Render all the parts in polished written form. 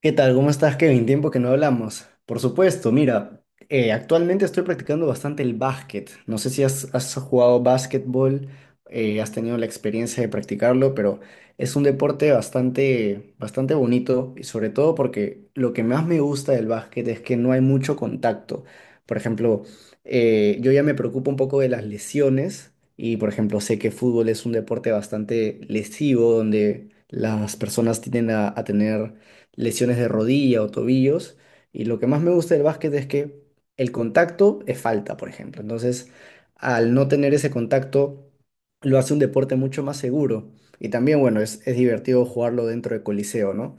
¿Qué tal? ¿Cómo estás, Kevin? Tiempo que no hablamos. Por supuesto, mira, actualmente estoy practicando bastante el básquet. No sé si has jugado básquetbol, has tenido la experiencia de practicarlo, pero es un deporte bastante bonito y sobre todo porque lo que más me gusta del básquet es que no hay mucho contacto. Por ejemplo, yo ya me preocupo un poco de las lesiones y, por ejemplo, sé que fútbol es un deporte bastante lesivo donde las personas tienden a tener lesiones de rodilla o tobillos. Y lo que más me gusta del básquet es que el contacto es falta, por ejemplo. Entonces, al no tener ese contacto, lo hace un deporte mucho más seguro. Y también, bueno, es divertido jugarlo dentro de Coliseo, ¿no?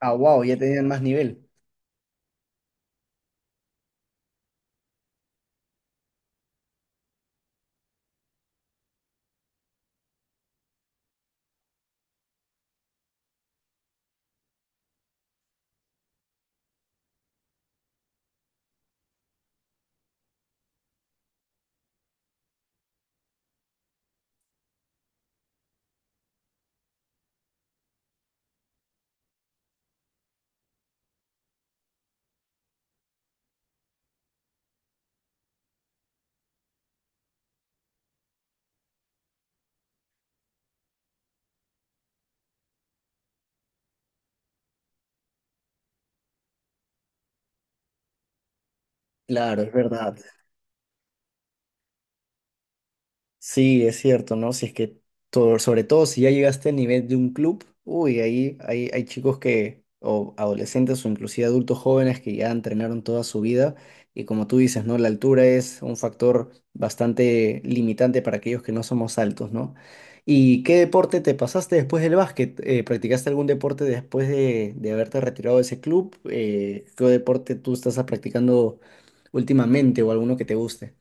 Ah, wow, ya tenían más nivel. Claro, es verdad. Sí, es cierto, ¿no? Si es que, todo, sobre todo si ya llegaste al nivel de un club, uy, hay chicos que, o adolescentes o inclusive adultos jóvenes que ya entrenaron toda su vida y como tú dices, ¿no? La altura es un factor bastante limitante para aquellos que no somos altos, ¿no? ¿Y qué deporte te pasaste después del básquet? ¿Practicaste algún deporte después de haberte retirado de ese club? ¿Qué deporte tú estás practicando últimamente o alguno que te guste?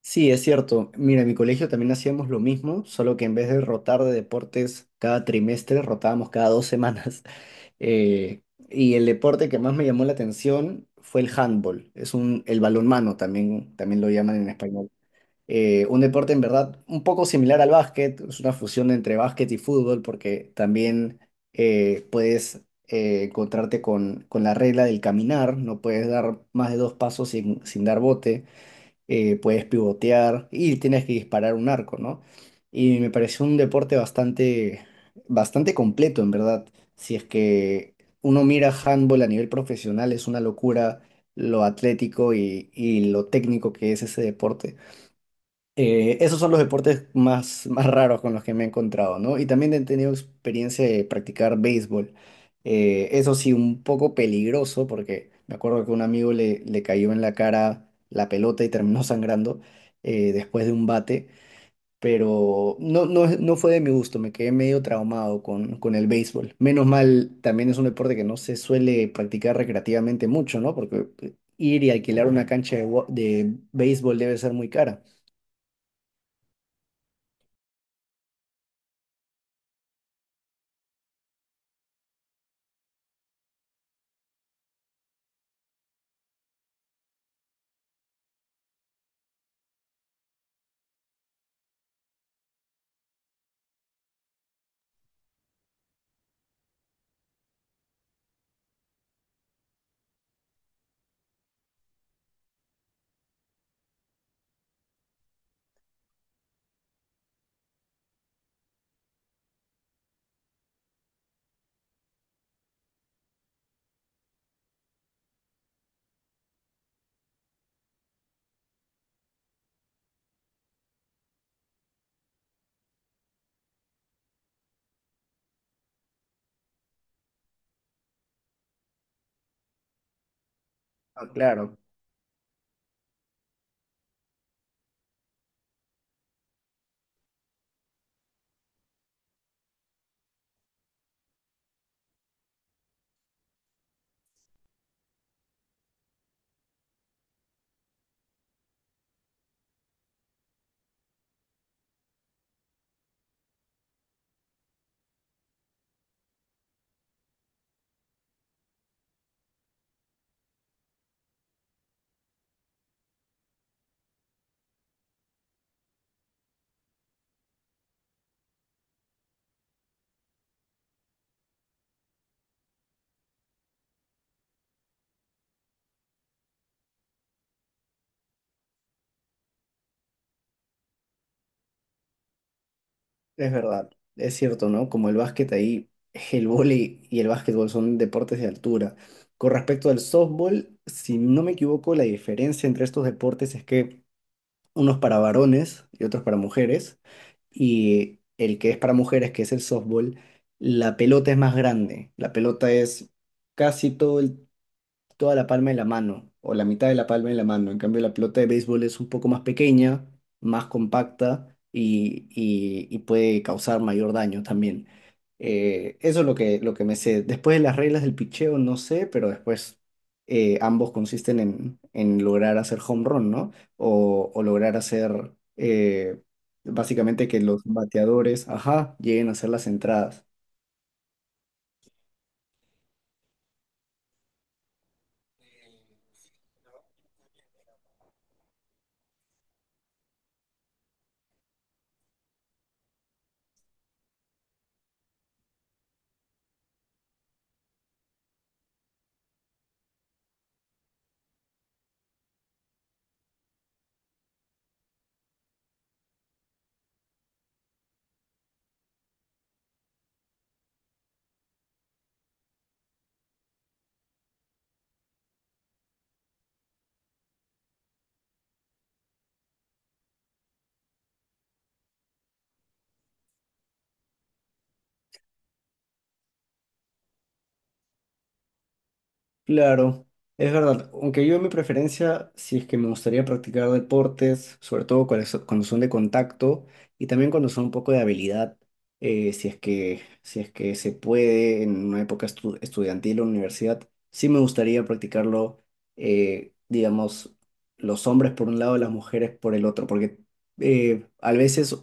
Sí, es cierto. Mira, en mi colegio también hacíamos lo mismo, solo que en vez de rotar de deportes cada trimestre, rotábamos cada dos semanas. Eh, y el deporte que más me llamó la atención fue el handball. El balonmano también, también lo llaman en español. Un deporte en verdad un poco similar al básquet, es una fusión entre básquet y fútbol porque también puedes encontrarte con la regla del caminar, no puedes dar más de dos pasos sin, sin dar bote, puedes pivotear y tienes que disparar un arco, ¿no? Y me pareció un deporte bastante completo, en verdad. Si es que uno mira handball a nivel profesional, es una locura lo atlético y lo técnico que es ese deporte. Esos son los deportes más raros con los que me he encontrado, ¿no? Y también he tenido experiencia de practicar béisbol. Eso sí, un poco peligroso porque me acuerdo que un amigo le cayó en la cara la pelota y terminó sangrando, después de un bate, pero no, no fue de mi gusto, me quedé medio traumado con el béisbol. Menos mal, también es un deporte que no se suele practicar recreativamente mucho, ¿no? Porque ir y alquilar una cancha de, wa- de béisbol debe ser muy cara. Ah, claro. Es verdad, es cierto, ¿no? Como el básquet ahí, el vóley y el básquetbol son deportes de altura. Con respecto al softball, si no me equivoco, la diferencia entre estos deportes es que unos para varones y otros para mujeres, y el que es para mujeres, que es el softball, la pelota es más grande. La pelota es casi todo el toda la palma de la mano o la mitad de la palma de la mano. En cambio, la pelota de béisbol es un poco más pequeña, más compacta y puede causar mayor daño también. Eso es lo que me sé. Después de las reglas del pitcheo, no sé, pero después ambos consisten en lograr hacer home run, ¿no? O lograr hacer, básicamente que los bateadores, ajá, lleguen a hacer las entradas. Claro, es verdad. Aunque yo mi preferencia, si es que me gustaría practicar deportes, sobre todo cuando cuando son de contacto y también cuando son un poco de habilidad, si es que, si es que se puede en una época estudiantil o universidad, sí me gustaría practicarlo, digamos, los hombres por un lado, las mujeres por el otro, porque a veces,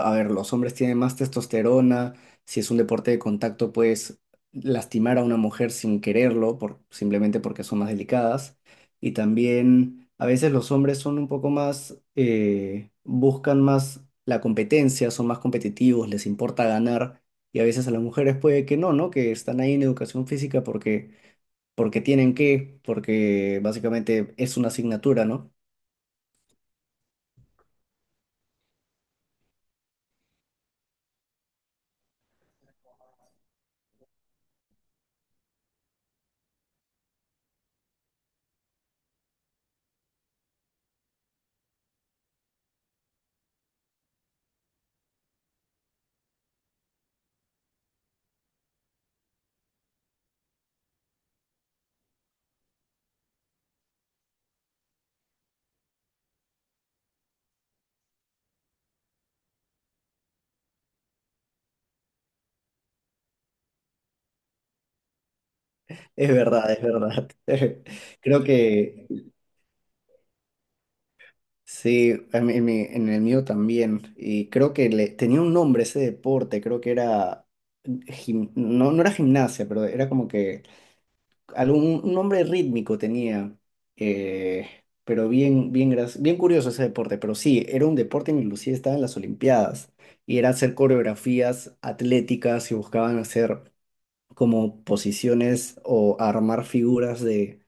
a ver, los hombres tienen más testosterona, si es un deporte de contacto, pues lastimar a una mujer sin quererlo, por, simplemente porque son más delicadas. Y también a veces los hombres son un poco más, buscan más la competencia, son más competitivos, les importa ganar. Y a veces a las mujeres puede que no, ¿no? Que están ahí en educación física porque, porque tienen que, porque básicamente es una asignatura, ¿no? Es verdad, es verdad. Creo que sí, a mí- en, mi- en el mío también. Y creo que tenía un nombre ese deporte, creo que era, no, no era gimnasia, pero era como que algún un nombre rítmico tenía. eh, pero bien, bien curioso ese deporte. Pero sí, era un deporte en inclusive estaba en las Olimpiadas. Y era hacer coreografías atléticas y buscaban hacer como posiciones o armar figuras de,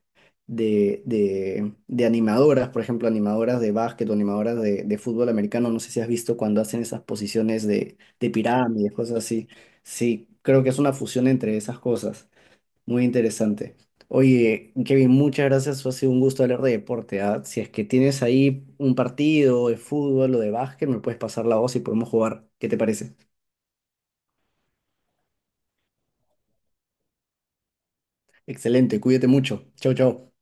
de, de, de animadoras, por ejemplo, animadoras de básquet o animadoras de fútbol americano. No sé si has visto cuando hacen esas posiciones de pirámides, cosas así. Sí, creo que es una fusión entre esas cosas. Muy interesante. Oye, Kevin, muchas gracias. Ha sido un gusto hablar de deporte. ¿Ah? Si es que tienes ahí un partido de fútbol o de básquet, me puedes pasar la voz y podemos jugar. ¿Qué te parece? Excelente, cuídate mucho. Chau, chau.